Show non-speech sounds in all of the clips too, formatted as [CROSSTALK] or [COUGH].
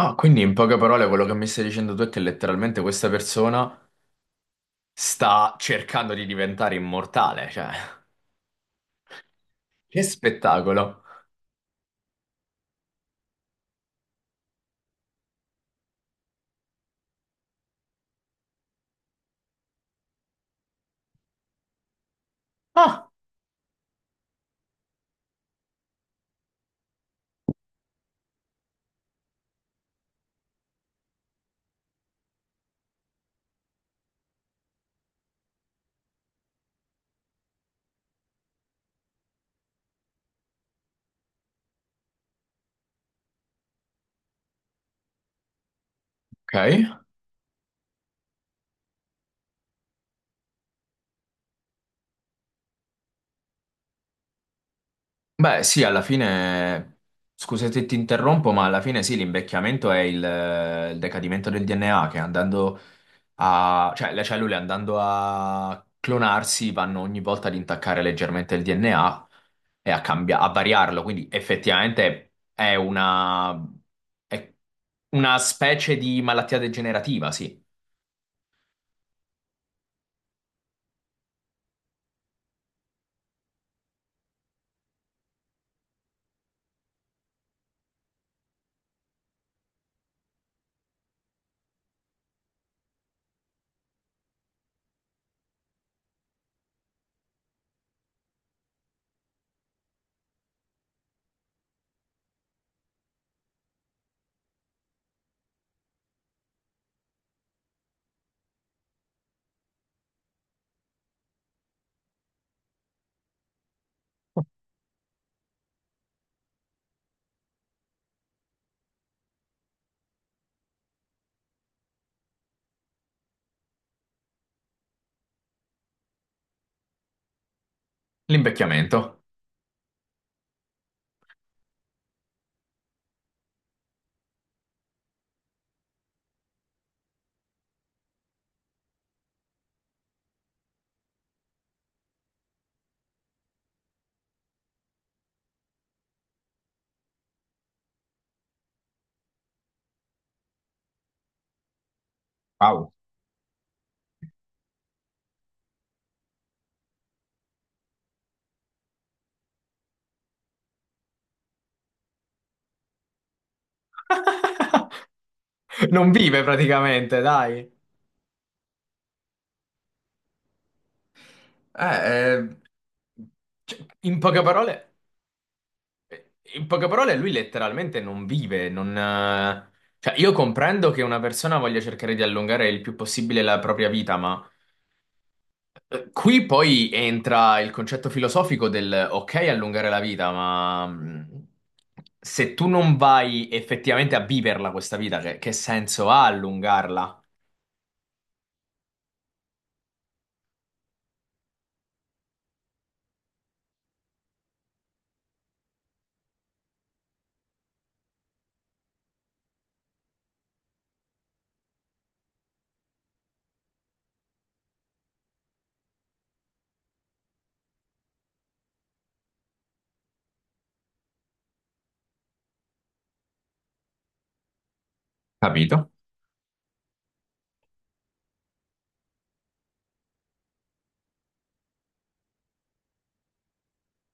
Ah, quindi in poche parole quello che mi stai dicendo tu è che letteralmente questa persona sta cercando di diventare immortale, cioè, che spettacolo. Ah, ok. Beh, sì, alla fine, scusa se ti interrompo, ma alla fine sì, l'invecchiamento è il decadimento del DNA che cioè le cellule andando a clonarsi vanno ogni volta ad intaccare leggermente il DNA e a, a variarlo, quindi effettivamente è una specie di malattia degenerativa, sì, l'invecchiamento. Wow. [LAUGHS] Non vive praticamente, dai. Eh, eh, Cioè, in poche parole. In poche parole, lui letteralmente non vive, non... cioè, io comprendo che una persona voglia cercare di allungare il più possibile la propria vita, ma qui poi entra il concetto filosofico del ok, allungare la vita, ma se tu non vai effettivamente a viverla questa vita, che senso ha allungarla? Capito?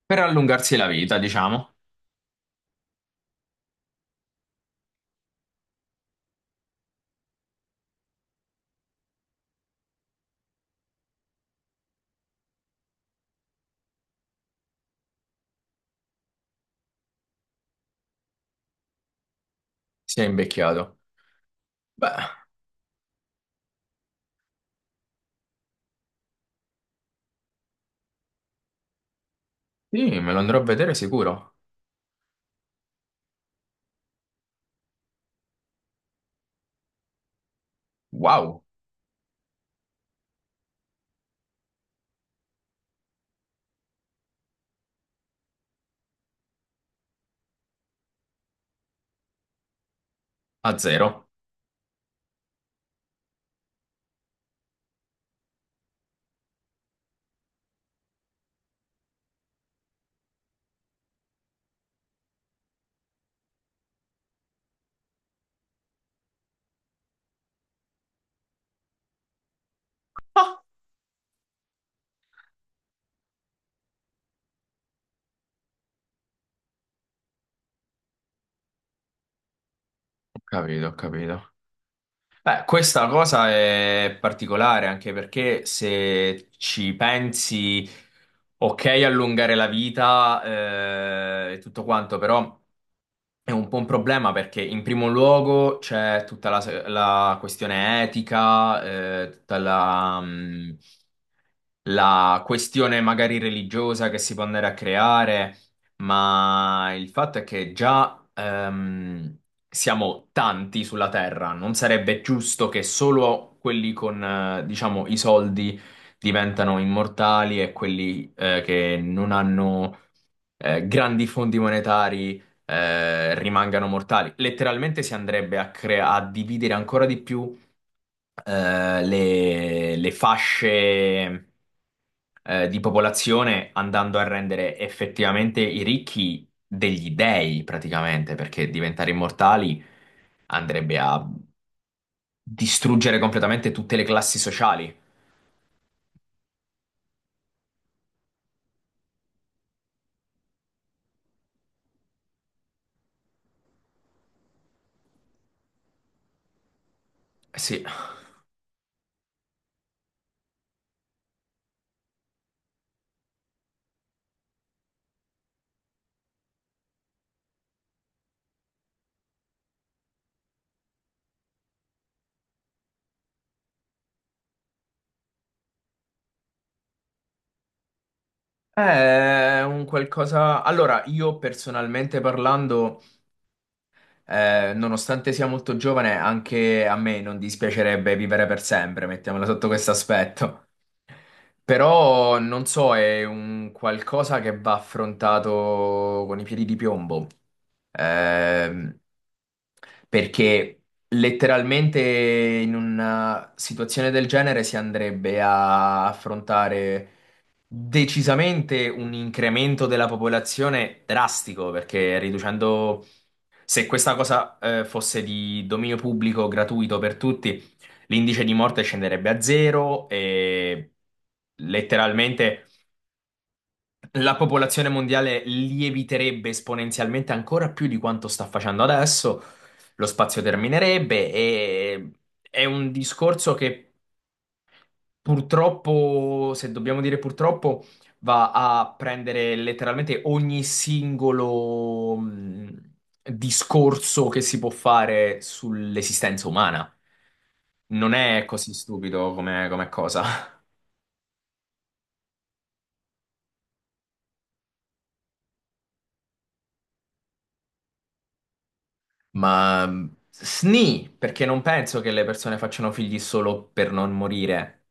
Per allungarsi la vita, diciamo, si è invecchiato. Beh, sì, me lo andrò a vedere sicuro. Wow, a zero. Ah, ho capito, ho capito. Beh, questa cosa è particolare anche perché se ci pensi, ok, allungare la vita e tutto quanto, però è un po' un problema perché in primo luogo c'è tutta la questione etica, eh, tutta la, mm, la questione magari religiosa che si può andare a creare, ma il fatto è che già siamo tanti sulla Terra, non sarebbe giusto che solo quelli con, diciamo, i soldi diventano immortali e quelli che non hanno grandi fondi monetari rimangano mortali. Letteralmente si andrebbe a dividere ancora di più le fasce di popolazione andando a rendere effettivamente i ricchi degli dei, praticamente, perché diventare immortali andrebbe a distruggere completamente tutte le classi sociali. Eh sì, è un qualcosa... Allora, io personalmente parlando... nonostante sia molto giovane, anche a me non dispiacerebbe vivere per sempre, mettiamola sotto questo aspetto. Però non so, è un qualcosa che va affrontato con i piedi di piombo. Ehm, Perché letteralmente in una situazione del genere si andrebbe a affrontare decisamente un incremento della popolazione drastico, perché riducendo, se questa cosa fosse di dominio pubblico gratuito per tutti, l'indice di morte scenderebbe a zero e letteralmente la popolazione mondiale lieviterebbe esponenzialmente ancora più di quanto sta facendo adesso, lo spazio terminerebbe e è un discorso che purtroppo, se dobbiamo dire purtroppo, va a prendere letteralmente ogni singolo discorso che si può fare sull'esistenza umana. Non è così stupido come, come cosa. [LAUGHS] Ma sni, perché non penso che le persone facciano figli solo per non morire.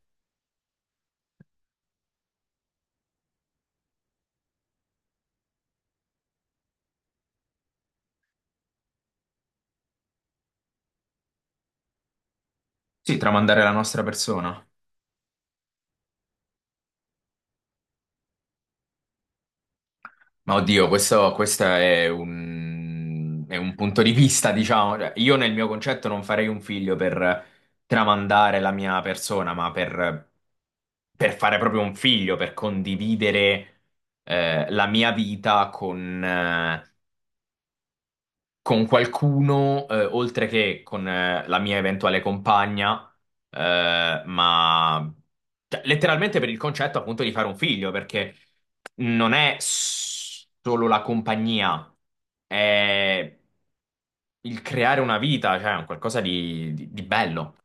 Sì, tramandare la nostra persona. Ma oddio, questo è è un punto di vista, diciamo. Cioè, io nel mio concetto non farei un figlio per tramandare la mia persona, ma per fare proprio un figlio, per condividere la mia vita con qualcuno, oltre che con la mia eventuale compagna, ma cioè, letteralmente per il concetto appunto di fare un figlio, perché non è s- solo la compagnia è il creare una vita, cioè è un qualcosa di bello.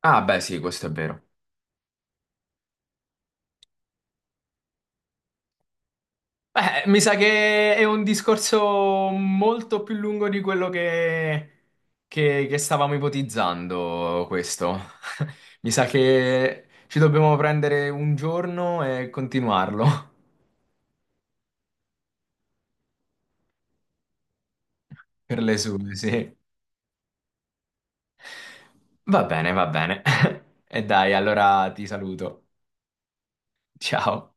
Ah, beh, sì, questo è vero. Beh, mi sa che è un discorso molto più lungo di quello che stavamo ipotizzando, questo. [LAUGHS] Mi sa che ci dobbiamo prendere un giorno e continuarlo [LAUGHS] per le sue, sì. Va bene, va bene. [LAUGHS] E dai, allora ti saluto. Ciao.